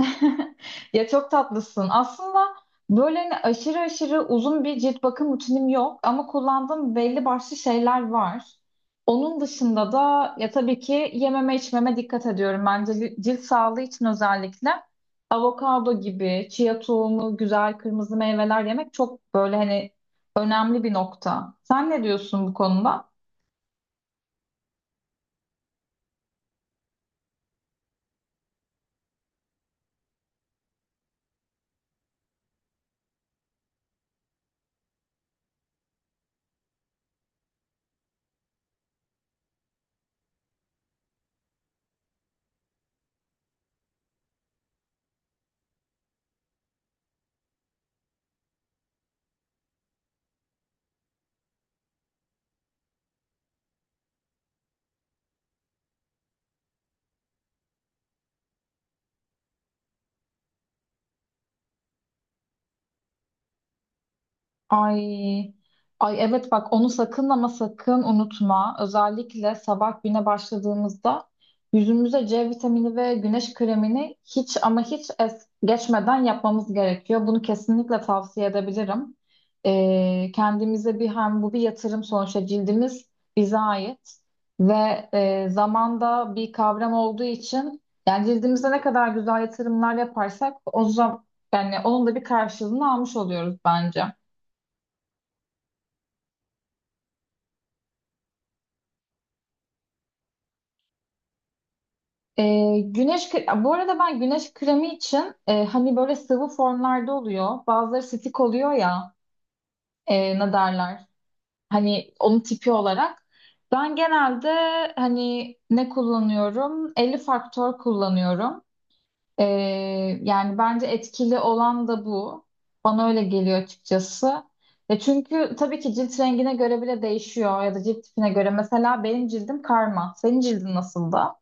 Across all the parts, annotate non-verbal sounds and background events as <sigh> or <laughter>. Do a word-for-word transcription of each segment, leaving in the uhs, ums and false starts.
<laughs> Ya çok tatlısın. Aslında böyle hani aşırı aşırı uzun bir cilt bakım rutinim yok ama kullandığım belli başlı şeyler var. Onun dışında da ya tabii ki yememe içmeme dikkat ediyorum. Bence li- cilt sağlığı için özellikle avokado gibi, chia tohumu, güzel kırmızı meyveler yemek çok böyle hani önemli bir nokta. Sen ne diyorsun bu konuda? Ay, ay evet bak onu sakın, ama sakın unutma. Özellikle sabah güne başladığımızda yüzümüze C vitamini ve güneş kremini hiç ama hiç es geçmeden yapmamız gerekiyor. Bunu kesinlikle tavsiye edebilirim. Ee, kendimize bir hem bu bir yatırım, sonuçta cildimiz bize ait ve e, zamanda bir kavram olduğu için yani cildimize ne kadar güzel yatırımlar yaparsak o zaman yani onun da bir karşılığını almış oluyoruz bence. Ee, güneş kre- bu arada ben güneş kremi için e, hani böyle sıvı formlarda oluyor. Bazıları stick oluyor ya, e, ne derler? Hani onun tipi olarak. Ben genelde hani ne kullanıyorum? elli faktör kullanıyorum. Ee, yani bence etkili olan da bu. Bana öyle geliyor açıkçası. Ya çünkü tabii ki cilt rengine göre bile değişiyor ya da cilt tipine göre. Mesela benim cildim karma. Senin cildin nasıl da?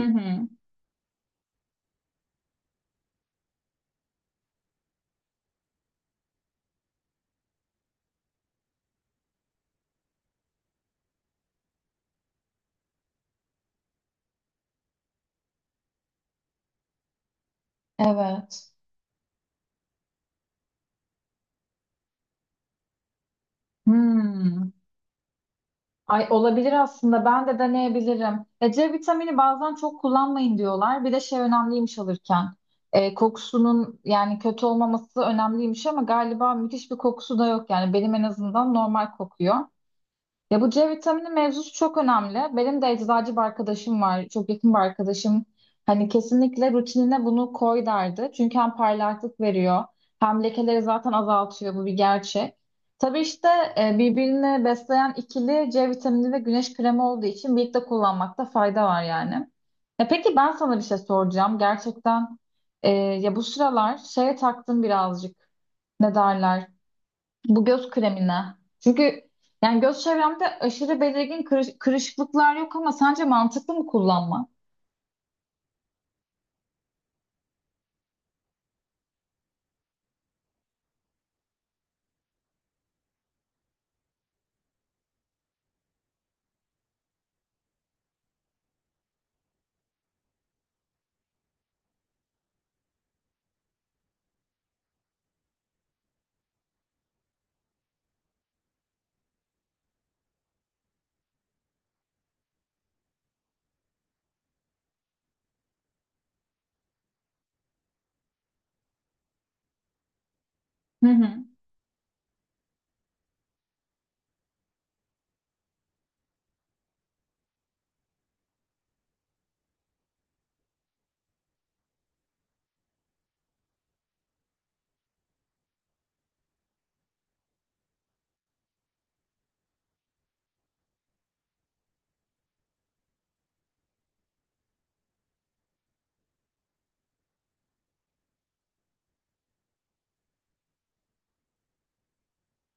Hı hı. Evet. Hmm. Ay, olabilir aslında. Ben de deneyebilirim. E, C vitamini bazen çok kullanmayın diyorlar. Bir de şey önemliymiş alırken. E, kokusunun yani kötü olmaması önemliymiş ama galiba müthiş bir kokusu da yok. Yani benim en azından normal kokuyor. Ya bu C vitamini mevzusu çok önemli. Benim de eczacı bir arkadaşım var. Çok yakın bir arkadaşım. Hani kesinlikle rutinine bunu koy derdi. Çünkü hem parlaklık veriyor, hem lekeleri zaten azaltıyor. Bu bir gerçek. Tabii işte e, birbirini besleyen ikili C vitamini ve güneş kremi olduğu için birlikte kullanmakta fayda var yani. E peki, ben sana bir şey soracağım. Gerçekten e, ya bu sıralar şeye taktım birazcık. Ne derler? Bu göz kremine. Çünkü yani göz çevremde aşırı belirgin kırış- kırışıklıklar yok ama sence mantıklı mı kullanma? Hı hı.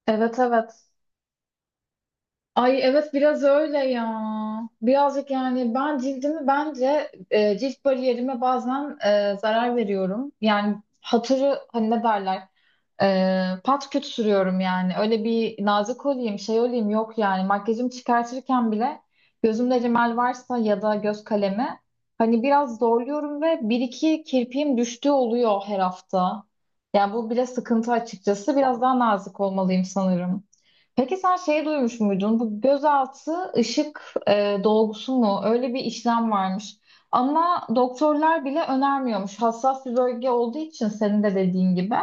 Evet evet. Ay evet, biraz öyle ya. Birazcık yani ben cildimi bence e, cilt bariyerime bazen e, zarar veriyorum. Yani hatırı hani ne derler? Ee, pat küt sürüyorum yani. Öyle bir nazik olayım, şey olayım yok yani. Makyajımı çıkartırken bile gözümde rimel varsa ya da göz kalemi, hani biraz zorluyorum ve bir iki kirpiğim düştüğü oluyor her hafta. Yani bu bile sıkıntı açıkçası. Biraz daha nazik olmalıyım sanırım. Peki sen şey duymuş muydun? Bu gözaltı ışık e, dolgusu mu? Öyle bir işlem varmış. Ama doktorlar bile önermiyormuş. Hassas bir bölge olduğu için, senin de dediğin gibi.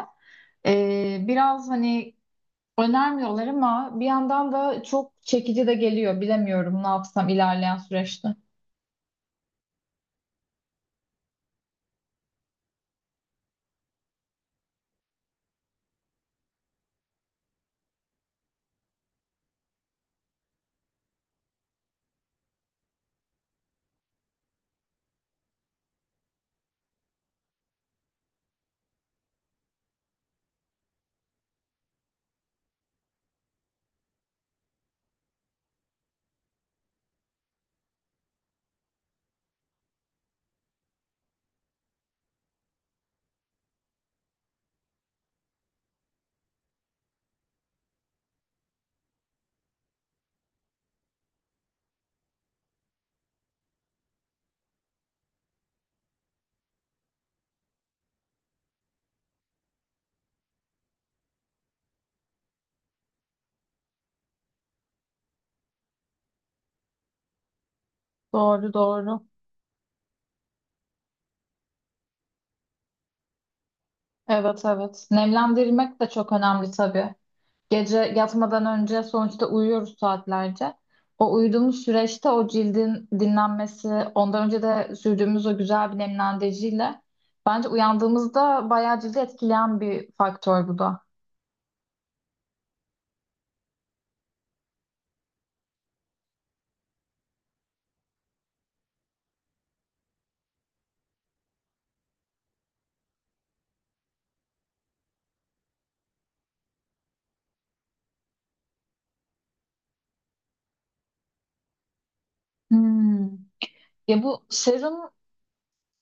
Ee, biraz hani önermiyorlar ama bir yandan da çok çekici de geliyor. Bilemiyorum ne yapsam ilerleyen süreçte. Doğru doğru. Evet evet. Nemlendirmek de çok önemli tabii. Gece yatmadan önce sonuçta uyuyoruz saatlerce. O uyuduğumuz süreçte o cildin dinlenmesi, ondan önce de sürdüğümüz o güzel bir nemlendiriciyle bence uyandığımızda bayağı cildi etkileyen bir faktör bu da. Hmm. Ya bu serum,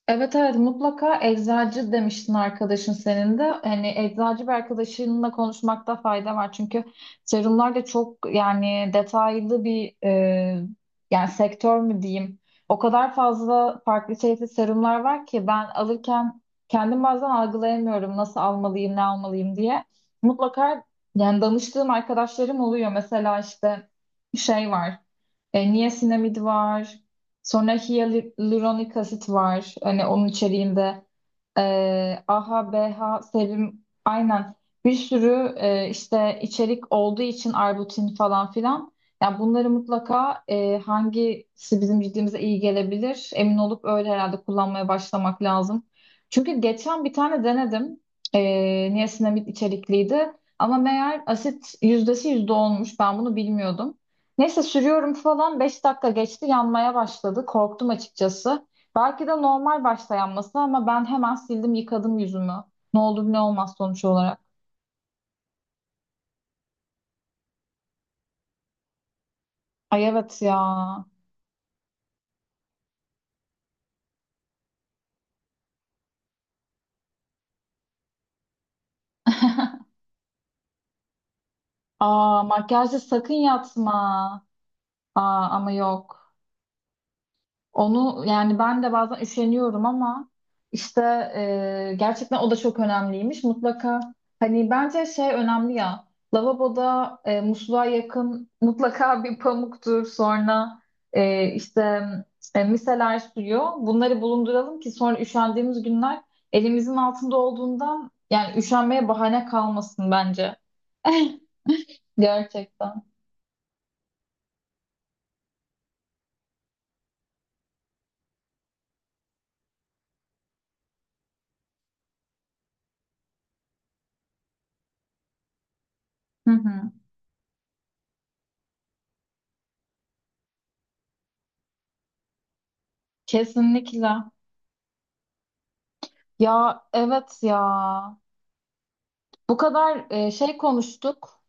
evet evet, mutlaka eczacı demiştin arkadaşın senin de. Hani eczacı bir arkadaşınla konuşmakta fayda var. Çünkü serumlar da çok, yani detaylı bir e, yani sektör mü diyeyim. O kadar fazla farklı çeşitli serumlar var ki ben alırken kendim bazen algılayamıyorum nasıl almalıyım ne almalıyım diye. Mutlaka yani danıştığım arkadaşlarım oluyor. Mesela işte şey var. E, niasinamid var. Sonra hyaluronik asit var. Hani onun içeriğinde ee, A H A, B H, serum, aynen bir sürü e, işte içerik olduğu için, Arbutin falan filan. Yani bunları mutlaka e, hangisi bizim cildimize iyi gelebilir emin olup öyle herhalde kullanmaya başlamak lazım. Çünkü geçen bir tane denedim. E, niasinamid içerikliydi. Ama meğer asit yüzdesi yüzde olmuş. Ben bunu bilmiyordum. Neyse sürüyorum falan, beş dakika geçti yanmaya başladı. Korktum açıkçası. Belki de normal başlayan, ama ben hemen sildim, yıkadım yüzümü. Ne olur ne olmaz sonuç olarak. Ay evet ya. Aa, makyajda sakın yatma. Aa, ama yok. Onu yani ben de bazen üşeniyorum ama işte e, gerçekten o da çok önemliymiş. Mutlaka hani bence şey önemli ya, lavaboda e, musluğa yakın mutlaka <laughs> bir pamuktur, sonra e, işte e, miseler suyu, bunları bulunduralım ki sonra üşendiğimiz günler elimizin altında olduğundan yani üşenmeye bahane kalmasın bence. <laughs> Gerçekten. Hı hı. Kesinlikle. Ya evet ya. Bu kadar e, şey konuştuk.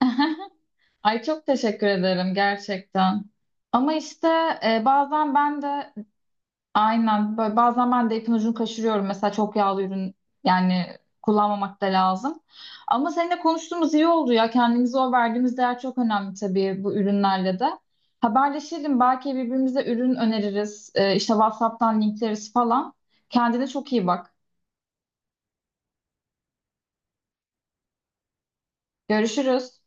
<laughs> Ay, çok teşekkür ederim gerçekten. Ama işte e, bazen ben de aynen, böyle bazen ben de ipin ucunu kaçırıyorum. Mesela çok yağlı ürün yani kullanmamak da lazım. Ama seninle konuştuğumuz iyi oldu ya. Kendimize o verdiğimiz değer çok önemli tabii, bu ürünlerle de. Haberleşelim, belki birbirimize ürün öneririz. E, işte WhatsApp'tan linkleriz falan. Kendine çok iyi bak. Görüşürüz.